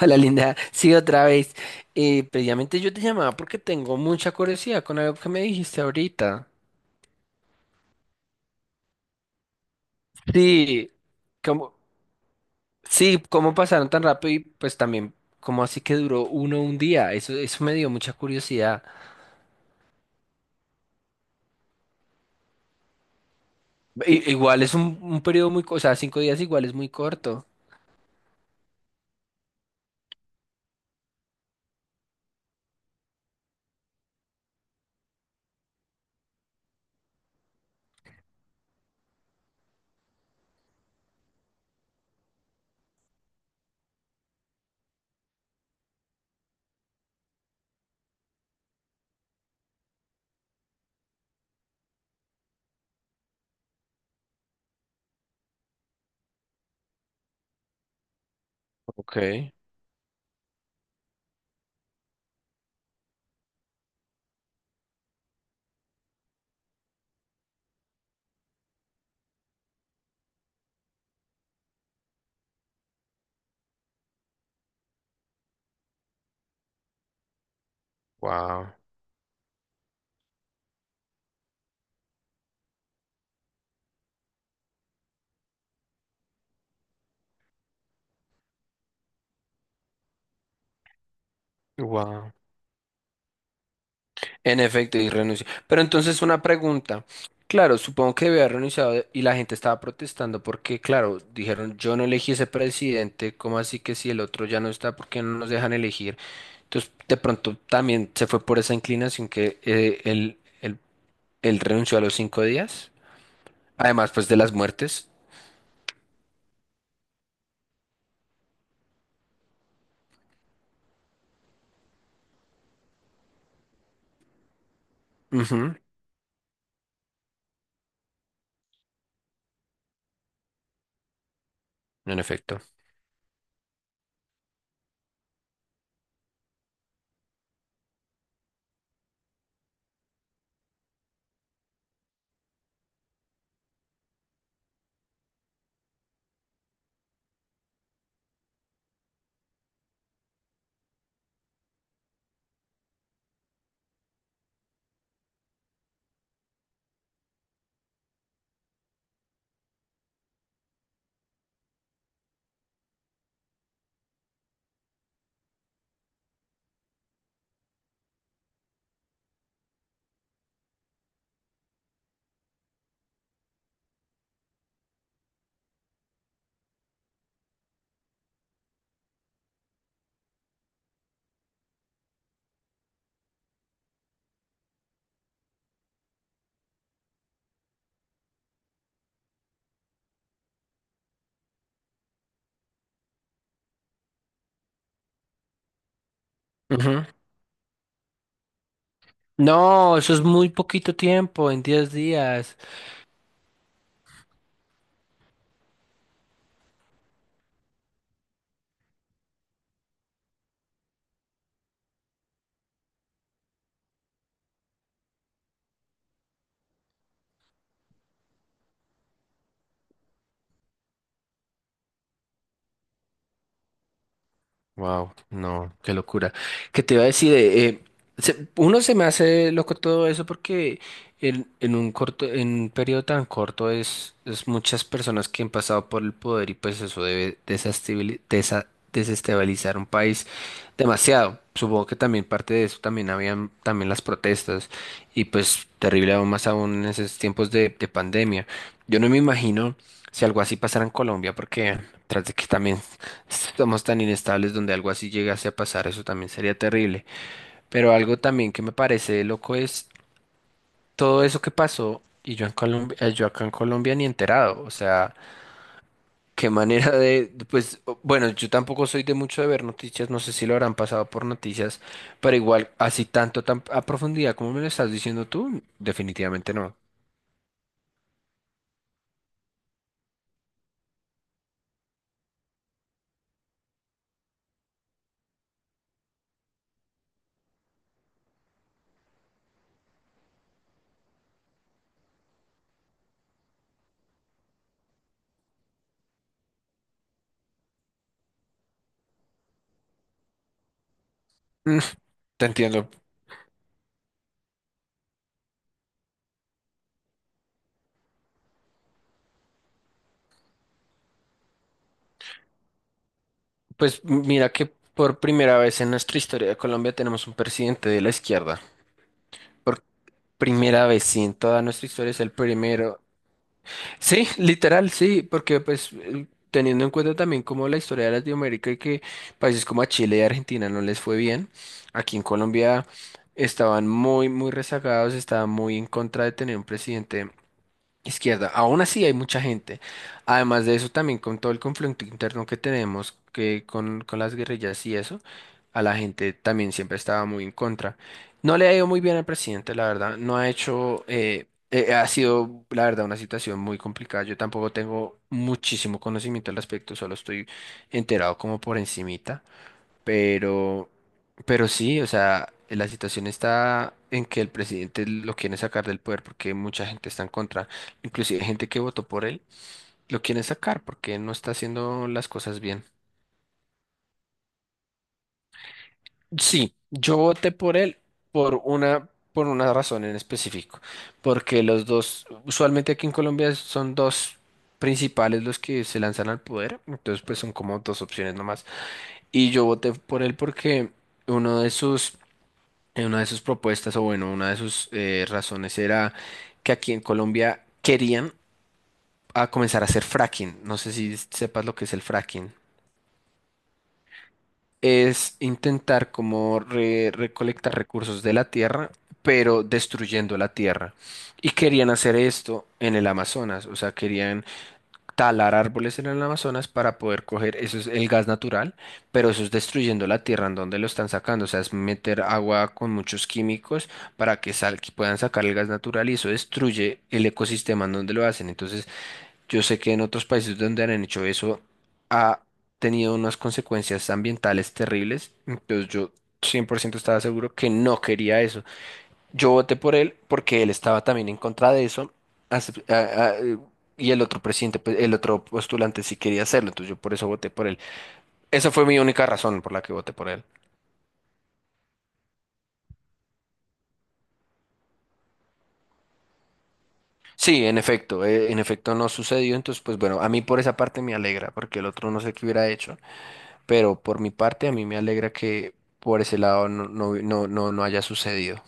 Hola Linda, sí otra vez. Previamente yo te llamaba porque tengo mucha curiosidad con algo que me dijiste ahorita. Sí, como, sí, cómo pasaron tan rápido y pues también cómo así que duró uno un día. Eso me dio mucha curiosidad. Igual es un periodo muy, o sea, 5 días igual es muy corto. Ok, wow, wow. En efecto, y renunció. Pero entonces una pregunta. Claro, supongo que había renunciado y la gente estaba protestando porque, claro, dijeron, yo no elegí ese presidente, ¿cómo así que si el otro ya no está, por qué no nos dejan elegir? Entonces, de pronto también se fue por esa inclinación que él renunció a los 5 días. Además, pues de las muertes. Ujú. En efecto. Ujú. No, eso es muy poquito tiempo, en 10 días. Wow, no, qué locura. ¿Qué te iba a decir? Uno se me hace loco todo eso porque en, un corto, en un periodo tan corto es muchas personas que han pasado por el poder y pues eso debe desestabilizar un país demasiado. Supongo que también parte de eso también habían también las protestas y pues terrible aún más aún en esos tiempos de, pandemia. Yo no me imagino si algo así pasara en Colombia porque tras de que también somos tan inestables donde algo así llegase a pasar, eso también sería terrible. Pero algo también que me parece loco es todo eso que pasó y yo en Colombia, yo acá en Colombia ni enterado. O sea, qué manera de, pues, bueno, yo tampoco soy de mucho de ver noticias, no sé si lo habrán pasado por noticias, pero igual así tanto tan a profundidad como me lo estás diciendo tú, definitivamente no. Mm. Te entiendo. Pues mira que por primera vez en nuestra historia de Colombia tenemos un presidente de la izquierda. Primera vez sí. En toda nuestra historia es el primero. Sí, literal, sí, porque pues teniendo en cuenta también como la historia de Latinoamérica y que países como a Chile y Argentina no les fue bien, aquí en Colombia estaban muy, muy rezagados, estaban muy en contra de tener un presidente izquierda. Aún así hay mucha gente. Además de eso, también con todo el conflicto interno que tenemos, que con, las guerrillas y eso, a la gente también siempre estaba muy en contra. No le ha ido muy bien al presidente, la verdad. No ha hecho, ha sido, la verdad, una situación muy complicada. Yo tampoco tengo muchísimo conocimiento al respecto, solo estoy enterado como por encimita. Pero, sí, o sea, la situación está en que el presidente lo quiere sacar del poder porque mucha gente está en contra. Inclusive gente que votó por él lo quiere sacar porque no está haciendo las cosas bien. Sí, yo voté por él por una razón en específico, porque los dos, usualmente aquí en Colombia son dos principales los que se lanzan al poder, entonces pues son como dos opciones nomás. Y yo voté por él porque uno de sus una de sus propuestas, o bueno, una de sus razones era que aquí en Colombia querían a comenzar a hacer fracking. No sé si sepas lo que es el fracking. Es intentar como recolectar recursos de la tierra, pero destruyendo la tierra. Y querían hacer esto en el Amazonas, o sea, querían talar árboles en el Amazonas para poder coger, eso es el gas natural, pero eso es destruyendo la tierra en donde lo están sacando, o sea, es meter agua con muchos químicos para que, sal, que puedan sacar el gas natural y eso destruye el ecosistema en donde lo hacen. Entonces, yo sé que en otros países donde han hecho eso ha tenido unas consecuencias ambientales terribles, entonces yo 100% estaba seguro que no quería eso. Yo voté por él porque él estaba también en contra de eso. acep- a- a- eh, y el otro presidente, pues, el otro postulante sí quería hacerlo, entonces yo por eso voté por él. Esa fue mi única razón por la que voté por él. Sí, en efecto no sucedió, entonces pues bueno, a mí por esa parte me alegra, porque el otro no sé qué hubiera hecho, pero por mi parte a mí me alegra que por ese lado no, no, no, no, no haya sucedido.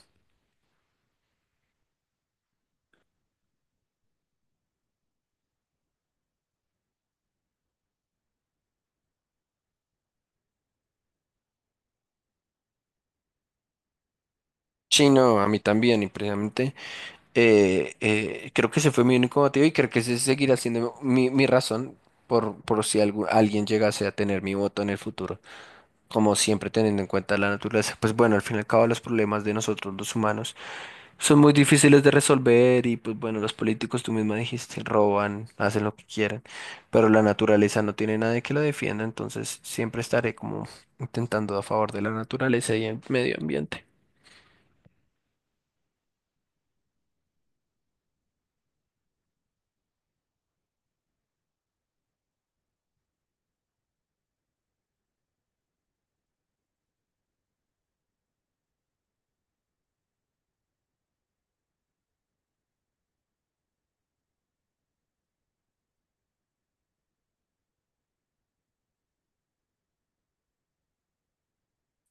Sí, no, a mí también, precisamente. Creo que ese fue mi único motivo y creo que ese seguirá siendo mi razón por, si alguien llegase a tener mi voto en el futuro. Como siempre teniendo en cuenta la naturaleza, pues bueno, al fin y al cabo los problemas de nosotros los humanos son muy difíciles de resolver y pues bueno, los políticos, tú misma dijiste, roban, hacen lo que quieren pero la naturaleza no tiene nadie que la defienda, entonces siempre estaré como intentando a favor de la naturaleza y el medio ambiente.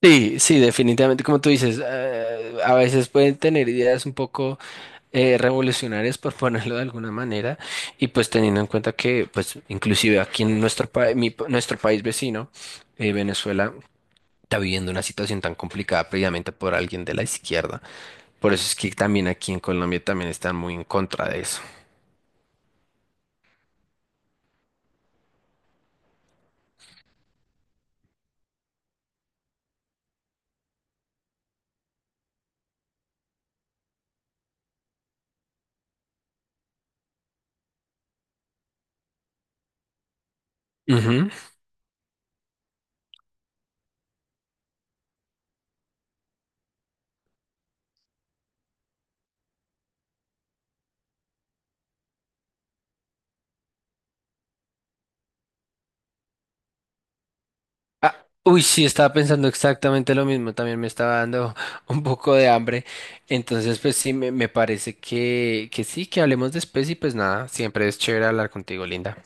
Sí, sí, definitivamente, como tú dices, a veces pueden tener ideas un poco revolucionarias, por ponerlo de alguna manera, y pues teniendo en cuenta que, pues, inclusive aquí en nuestro país vecino, Venezuela, está viviendo una situación tan complicada previamente por alguien de la izquierda. Por eso es que también aquí en Colombia también están muy en contra de eso. Ujú. Ah, uy, sí, estaba pensando exactamente lo mismo. También me estaba dando un poco de hambre. Entonces, pues sí, me parece que, sí, que hablemos después y pues nada, siempre es chévere hablar contigo, Linda.